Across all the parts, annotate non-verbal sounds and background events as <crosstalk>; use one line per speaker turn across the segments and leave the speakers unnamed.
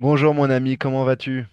Bonjour mon ami, comment vas-tu?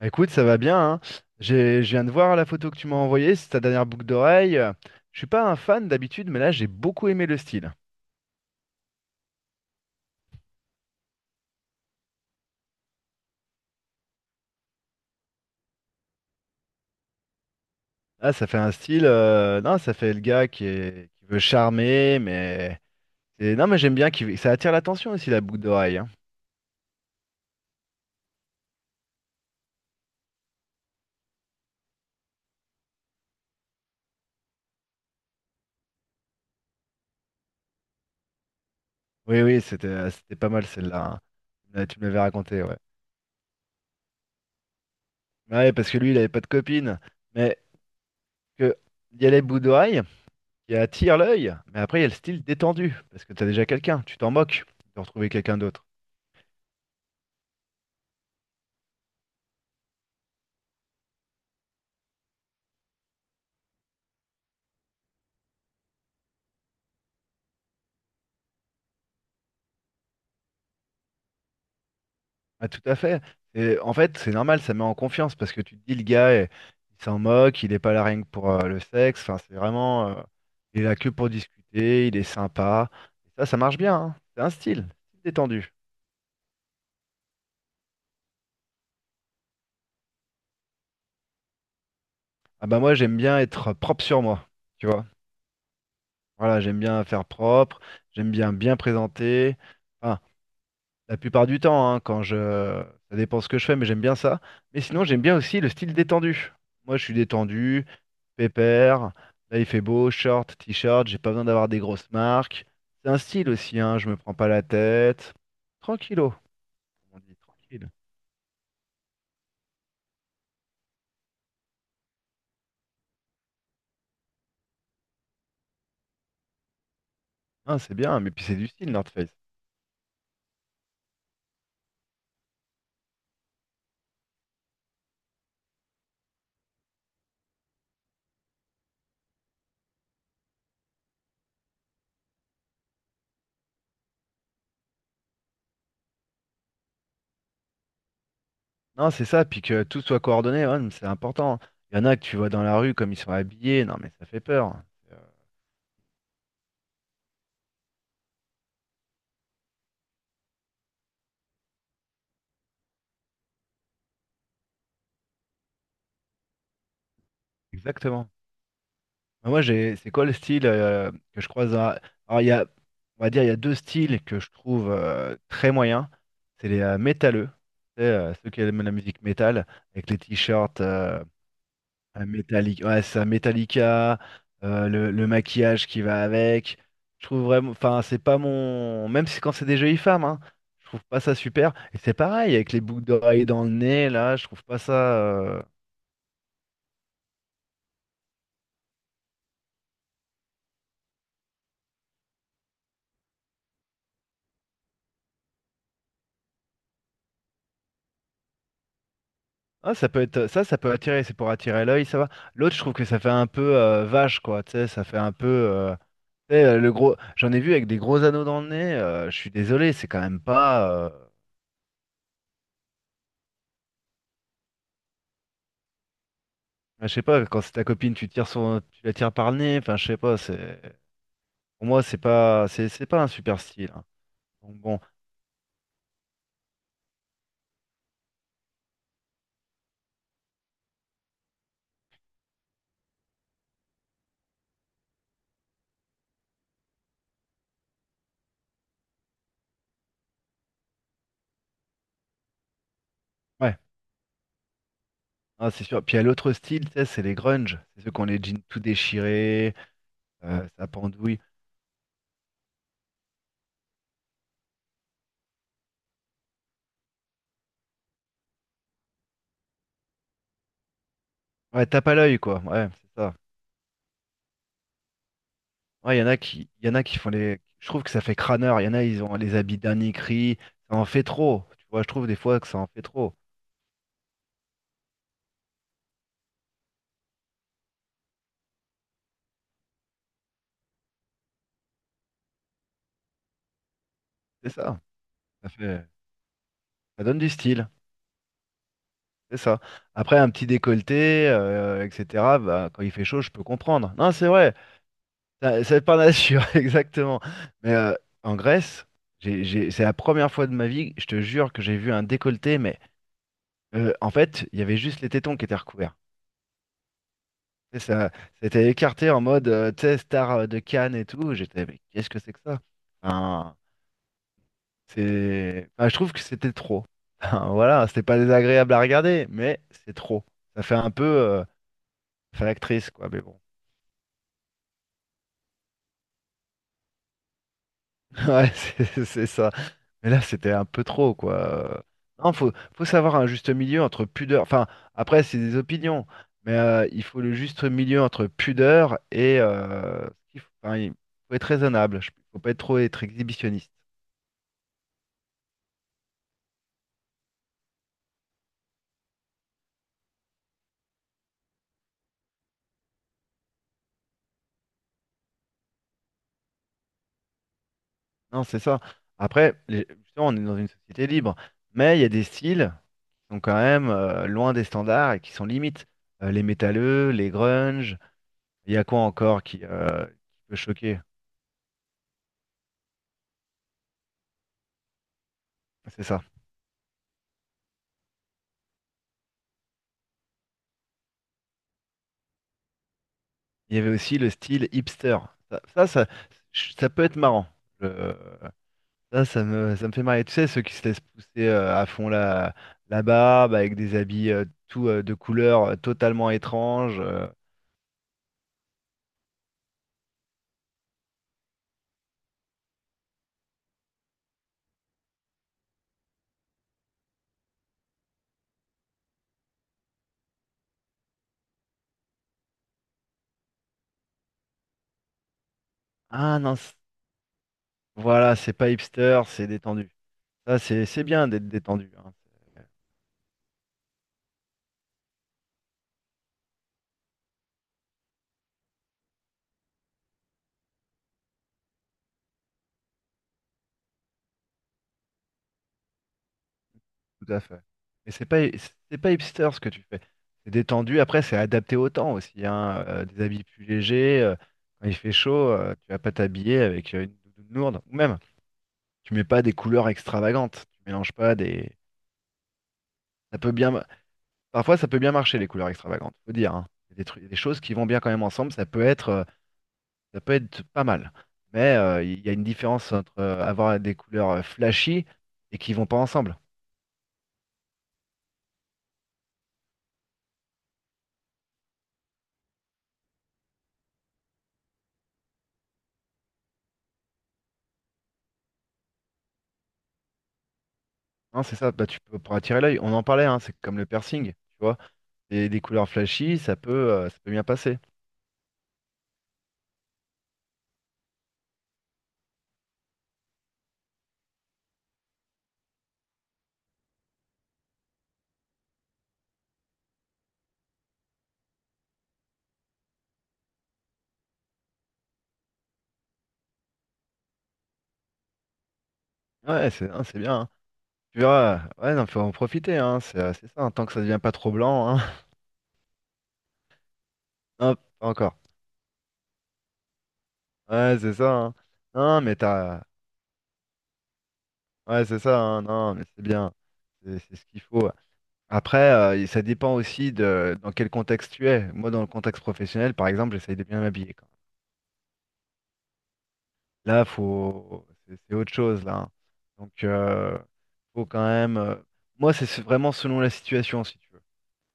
Bah, écoute, ça va bien, hein. Je viens de voir la photo que tu m'as envoyée, c'est ta dernière boucle d'oreille. Je suis pas un fan d'habitude, mais là j'ai beaucoup aimé le style. Là, ça fait un style, non, ça fait le gars qui veut charmer, mais et non, mais j'aime bien, ça attire l'attention aussi la boucle d'oreille, hein. Oui, oui, c'était pas mal celle-là, hein. Tu me l'avais raconté, ouais. Ouais, parce que lui, il avait pas de copine, mais que il y a les boucles d'oreilles, qui attire l'œil, mais après il y a le style détendu, parce que t'as déjà quelqu'un, tu t'en moques de retrouver quelqu'un d'autre. Ah, tout à fait. Et en fait, c'est normal, ça met en confiance, parce que tu te dis, le gars, eh, il s'en moque, il est pas là rien que pour le sexe, enfin, c'est vraiment, il est là que pour discuter, il est sympa. Et ça marche bien, hein. C'est un style, style détendu. Ah bah moi, j'aime bien être propre sur moi, tu vois. Voilà, j'aime bien faire propre, j'aime bien bien présenter. Enfin, la plupart du temps, hein, quand je... Ça dépend ce que je fais, mais j'aime bien ça. Mais sinon, j'aime bien aussi le style détendu. Moi, je suis détendu, pépère. Là, il fait beau, short, t-shirt, j'ai pas besoin d'avoir des grosses marques. C'est un style aussi, hein, je me prends pas la tête. Tranquillo, comme on dit, tranquille. Hein, c'est bien, mais puis c'est du style, North Face. Non, c'est ça, puis que tout soit coordonné, ouais, mais c'est important. Il y en a que tu vois dans la rue comme ils sont habillés, non mais ça fait peur. Euh, Exactement. Bah, moi, j'ai, c'est quoi le style que je croise dans la- Alors, il y a, on va dire, il y a deux styles que je trouve très moyens. C'est les métalleux. Tu sais, ceux qui aiment la musique métal, avec les t-shirts ouais, ça, Metallica, le maquillage qui va avec. Je trouve vraiment, enfin, c'est pas mon, même si quand c'est des jolies femmes, hein, je trouve pas ça super. Et c'est pareil avec les boucles d'oreilles dans le nez, là, je trouve pas ça. euh, Ah, ça peut être ça peut attirer, c'est pour attirer l'œil, ça va. L'autre, je trouve que ça fait un peu vache, quoi. Tu sais, ça fait un peu. Tu sais, le gros, j'en ai vu avec des gros anneaux dans le nez. Je suis désolé, c'est quand même pas. Enfin, je sais pas, quand c'est ta copine, tu tires son, tu la tires par le nez. Enfin, je sais pas. C'est pour moi, c'est pas, c'est pas un super style, hein. Donc bon, ouais, ah, c'est sûr. Puis il y a l'autre style, tu sais, c'est les grunge. C'est ceux qui ont les jeans tout déchirés, ça pendouille. Ouais, tape à l'œil, quoi. Ouais, c'est ça. Ouais, il y en a qui, il y en a qui font les. Je trouve que ça fait crâneur. Il y en a, ils ont les habits dernier cri. Ça en fait trop. Tu vois, je trouve des fois que ça en fait trop. C'est ça. Ça fait... ça donne du style. C'est ça. Après, un petit décolleté, etc. Bah, quand il fait chaud, je peux comprendre. Non, c'est vrai. Ça- c'est pas nature, <laughs> exactement. Mais en Grèce, c'est la première fois de ma vie, je te jure, que j'ai vu un décolleté. Mais en fait, il y avait juste les tétons qui étaient recouverts. Et ça, c'était écarté en mode, tu sais, star de Cannes et tout. J'étais, mais qu'est-ce que c'est que ça? Enfin, c'est, enfin, je trouve que c'était trop. <laughs> Enfin, voilà, c'était pas désagréable à regarder, mais c'est trop. Ça fait un peu, ça fait l'actrice, quoi. Mais bon, <laughs> ouais, c'est ça. Mais là, c'était un peu trop, quoi. Euh, Non, faut savoir un juste milieu entre pudeur. Enfin, après, c'est des opinions, mais il faut le juste milieu entre pudeur et, enfin, il faut être raisonnable. Faut pas être trop être exhibitionniste. Non, c'est ça. Après, justement, on est dans une société libre, mais il y a des styles qui sont quand même loin des standards et qui sont limites. Les métalleux, les grunge, il y a quoi encore qui peut choquer? C'est ça. Il y avait aussi le style hipster. Ça, ça, ça, ça peut être marrant. Je- ça me fait marrer. Tu sais, ceux qui se laissent pousser à fond la barbe avec des habits tout, de couleurs totalement étranges. Ah non, c- voilà, c'est pas hipster, c'est détendu. Ça, c'est bien d'être détendu, hein, c'est- tout à fait. Mais c'est pas hipster ce que tu fais. C'est détendu. Après, c'est adapté au temps aussi, hein, des habits plus légers. Quand il fait chaud, tu vas pas t'habiller avec une doudoune lourde. Ou même, tu mets pas des couleurs extravagantes. Tu mélanges pas des. Ça peut bien. Parfois, ça peut bien marcher les couleurs extravagantes. Faut dire, hein. Il y a des trucs, des choses qui vont bien quand même ensemble. Ça peut être pas mal. Mais il y a une différence entre avoir des couleurs flashy et qui vont pas ensemble. Non, c'est ça, bah, tu peux, pour attirer l'œil, on en parlait, hein, c'est comme le piercing, tu vois, des couleurs flashy, ça peut bien passer. Ouais, c'est hein, c'est bien, hein. Tu verras, ouais, non, faut en profiter, hein, c'est ça, hein, tant que ça devient pas trop blanc, hein. <laughs> Non, pas encore. Ouais, c'est ça, hein. Non, mais ouais, c'est ça, hein, non, mais c'est bien, c'est ce qu'il faut. Après, ça dépend aussi de dans quel contexte tu es. Moi, dans le contexte professionnel, par exemple, j'essaye de bien m'habiller. Là, faut... c'est autre chose, là, hein. Donc, faut quand même. Moi, c'est vraiment selon la situation, si tu veux.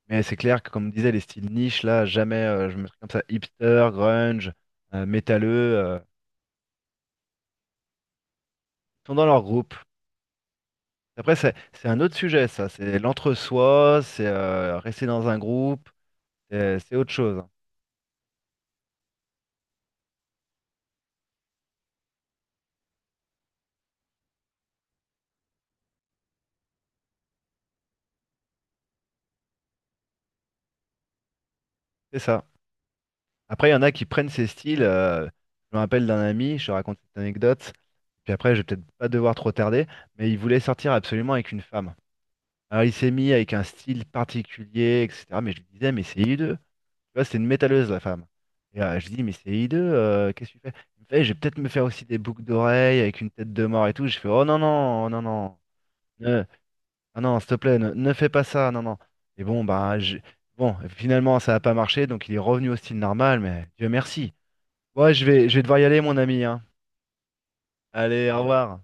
Mais c'est clair que, comme disait, les styles niche, là, jamais je me mettrais comme ça, hipster, grunge, métalleux, ils sont dans leur groupe. Après, c'est un autre sujet, ça. C'est l'entre-soi, c'est rester dans un groupe, c'est autre chose, hein. C'est ça. Après, il y en a qui prennent ces styles. Je me rappelle d'un ami, je te raconte cette anecdote, puis après, je vais peut-être pas devoir trop tarder, mais il voulait sortir absolument avec une femme. Alors, il s'est mis avec un style particulier, etc. Mais je lui disais, mais c'est hideux. Tu vois, c'est une métalleuse, la femme. Et je dis, mais c'est hideux, qu'est-ce que tu fais? Il me fait, je vais peut-être me faire aussi des boucles d'oreilles avec une tête de mort et tout. Je fais, oh non, non, oh non, non, ne, non, non, s'il te plaît, ne fais pas ça, non, non. Et bon, bah, bon, finalement, ça n'a pas marché, donc il est revenu au style normal, mais Dieu merci. Ouais, je vais devoir y aller, mon ami, hein. Allez, au revoir.